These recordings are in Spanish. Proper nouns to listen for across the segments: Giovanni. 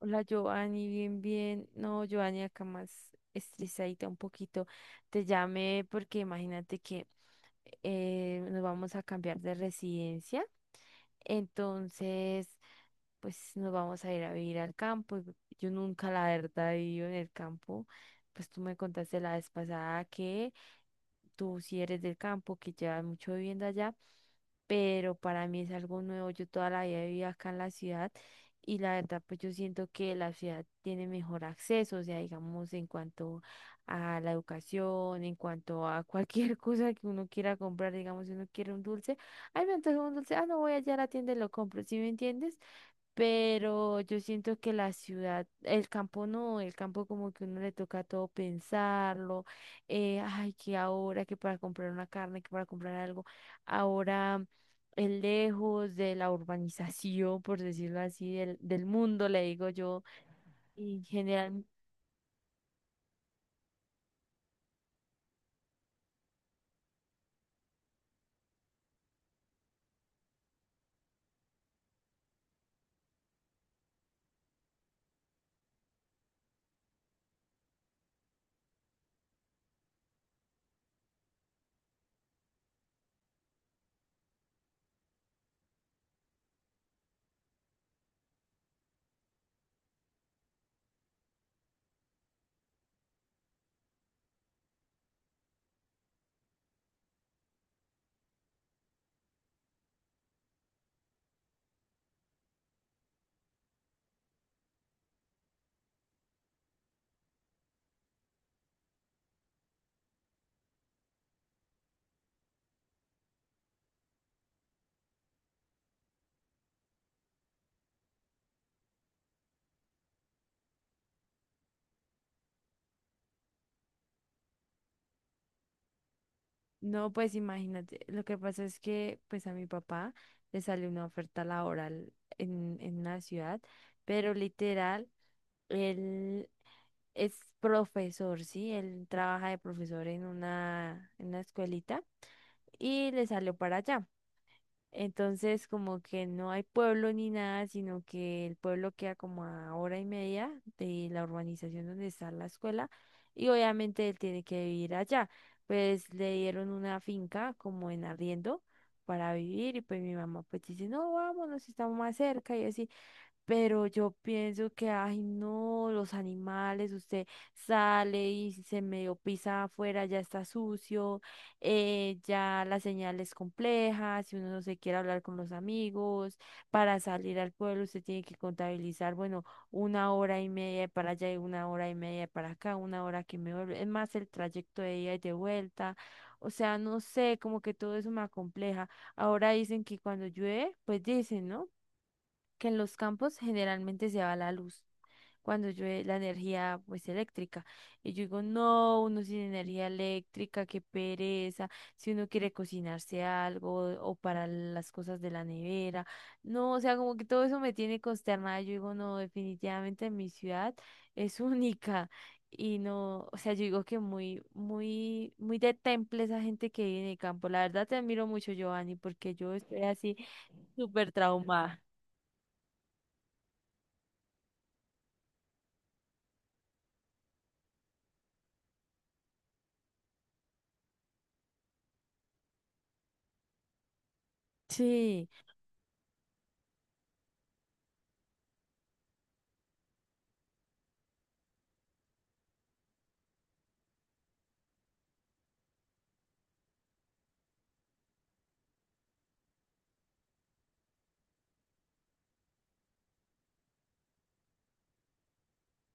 Hola Giovanni, bien, bien. No, Giovanni, acá más estresadita un poquito. Te llamé porque imagínate que nos vamos a cambiar de residencia. Entonces, pues nos vamos a ir a vivir al campo. Yo nunca, la verdad, he vivido en el campo. Pues tú me contaste la vez pasada que tú sí eres del campo, que llevas mucho viviendo allá, pero para mí es algo nuevo. Yo toda la vida viví acá en la ciudad y la verdad, pues yo siento que la ciudad tiene mejor acceso, o sea, digamos, en cuanto a la educación, en cuanto a cualquier cosa que uno quiera comprar. Digamos, si uno quiere un dulce, ay, me antojo un dulce, ah, no, voy allá a la tienda y lo compro, ¿sí me entiendes? Pero yo siento que la ciudad, el campo no, el campo como que uno le toca todo pensarlo. Ay, que ahora, que para comprar una carne, que para comprar algo, ahora es lejos de la urbanización, por decirlo así, del mundo, le digo yo, en general. No, pues imagínate, lo que pasa es que pues a mi papá le salió una oferta laboral en una ciudad, pero literal, él es profesor, ¿sí? Él trabaja de profesor en una escuelita y le salió para allá. Entonces, como que no hay pueblo ni nada, sino que el pueblo queda como a hora y media de la urbanización donde está la escuela, y obviamente él tiene que vivir allá. Pues le dieron una finca como en arriendo para vivir, y pues mi mamá pues dice, no, vámonos, estamos más cerca y así. Pero yo pienso que, ay, no, los animales, usted sale y si se medio pisa afuera, ya está sucio. Ya la señal es compleja, si uno no se quiere hablar con los amigos, para salir al pueblo usted tiene que contabilizar, bueno, una hora y media de para allá y una hora y media de para acá, una hora que me vuelve, es más el trayecto de ida y de vuelta. O sea, no sé, como que todo eso me acompleja. Ahora dicen que cuando llueve, pues dicen, ¿no?, que en los campos generalmente se va la luz cuando llueve, la energía pues eléctrica. Y yo digo, no, uno sin energía eléctrica, qué pereza, si uno quiere cocinarse algo o para las cosas de la nevera. No, o sea, como que todo eso me tiene consternada. Yo digo, no, definitivamente mi ciudad es única. Y no, o sea, yo digo que muy, muy, muy de temple esa gente que vive en el campo. La verdad te admiro mucho, Giovanni, porque yo estoy así súper traumada. Sí.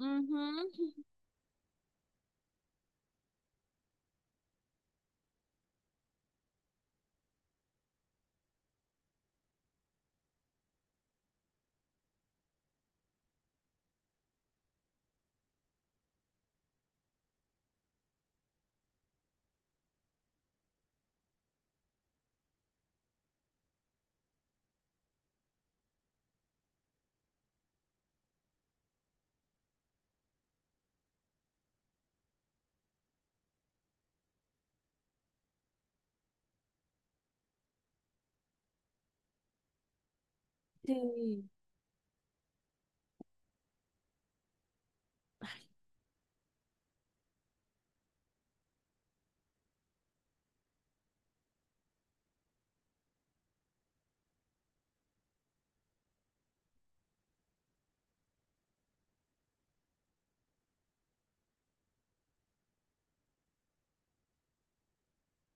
Ujú. Sí.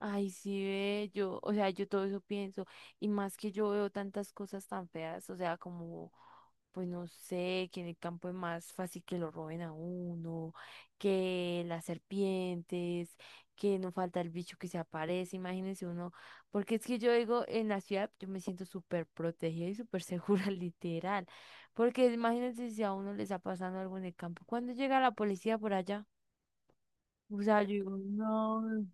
Ay, sí, ve, yo, o sea, yo todo eso pienso, y más que yo veo tantas cosas tan feas, o sea, como, pues no sé, que en el campo es más fácil que lo roben a uno, que las serpientes, que no falta el bicho que se aparece, imagínense uno, porque es que yo digo, en la ciudad yo me siento súper protegida y súper segura, literal, porque imagínense si a uno le está pasando algo en el campo, ¿cuándo llega la policía por allá? O sea, yo digo, no.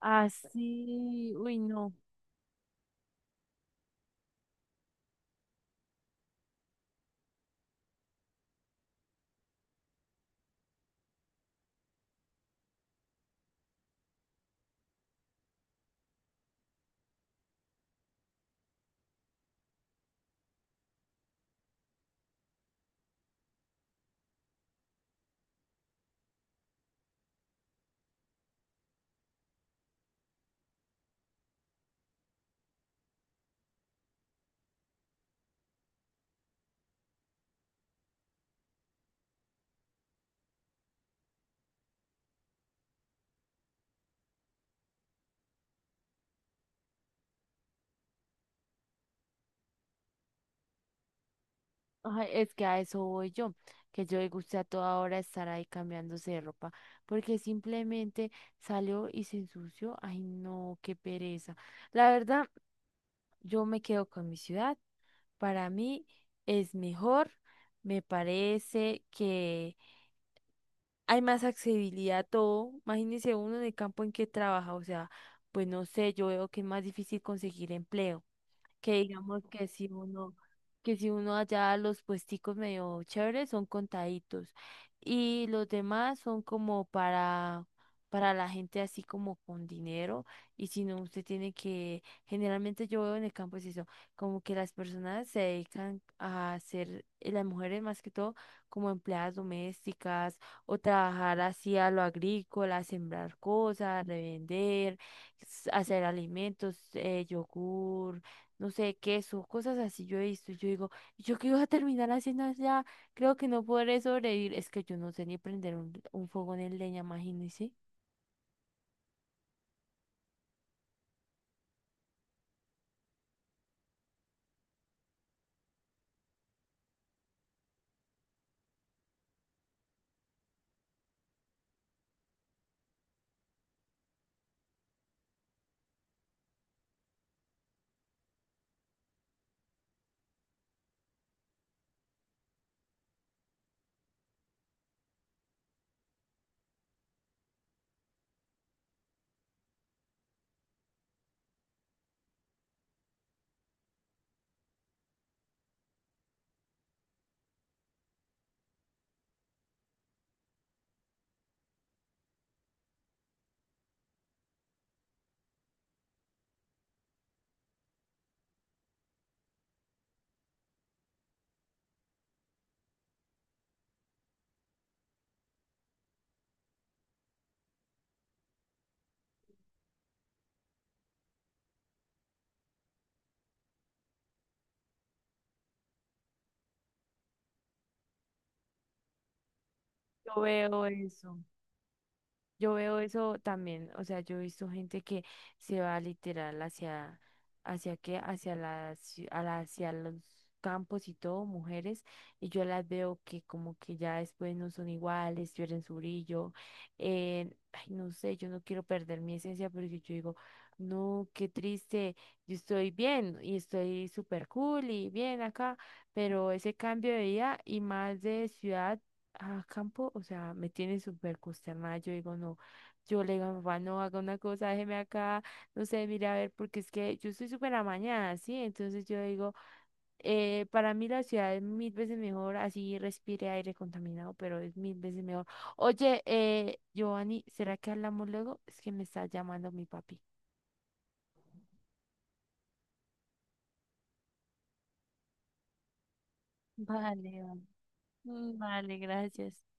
Así, uy, no. Ay, es que a eso voy yo, que yo le gusta a toda hora estar ahí cambiándose de ropa, porque simplemente salió y se ensució. Ay, no, qué pereza. La verdad, yo me quedo con mi ciudad. Para mí es mejor. Me parece que hay más accesibilidad a todo. Imagínese uno en el campo en que trabaja, o sea, pues no sé, yo veo que es más difícil conseguir empleo, que digamos que si uno, que si uno, allá los puesticos medio chéveres son contaditos, y los demás son como para la gente así como con dinero, y si no usted tiene que, generalmente yo veo en el campo es eso, como que las personas se dedican a ser, las mujeres más que todo, como empleadas domésticas, o trabajar así a lo agrícola, sembrar cosas, revender, hacer alimentos, yogur, no sé, queso, cosas así yo he visto. Yo digo: "Y yo qué iba a terminar haciendo allá? Creo que no podré sobrevivir. Es que yo no sé ni prender un fogón en leña, imagínense". Yo veo eso. Yo veo eso también, o sea, yo he visto gente que se va literal hacia, hacia qué, hacia las, a la- hacia los campos y todo, mujeres, y yo las veo que como que ya después no son iguales, pierden su brillo. Ay, no sé, yo no quiero perder mi esencia porque yo digo, no, qué triste, yo estoy bien y estoy súper cool y bien acá, pero ese cambio de vida, y más de ciudad a campo, o sea, me tiene súper consternada. Yo digo, no, yo le digo a mi papá, no haga una cosa, déjeme acá, no sé, mire a ver, porque es que yo estoy súper amañada, ¿sí? Entonces yo digo, para mí la ciudad es mil veces mejor, así respire aire contaminado, pero es mil veces mejor. Oye, Giovanni, ¿será que hablamos luego? Es que me está llamando mi papi. Vale, vale. Mm, vale, gracias.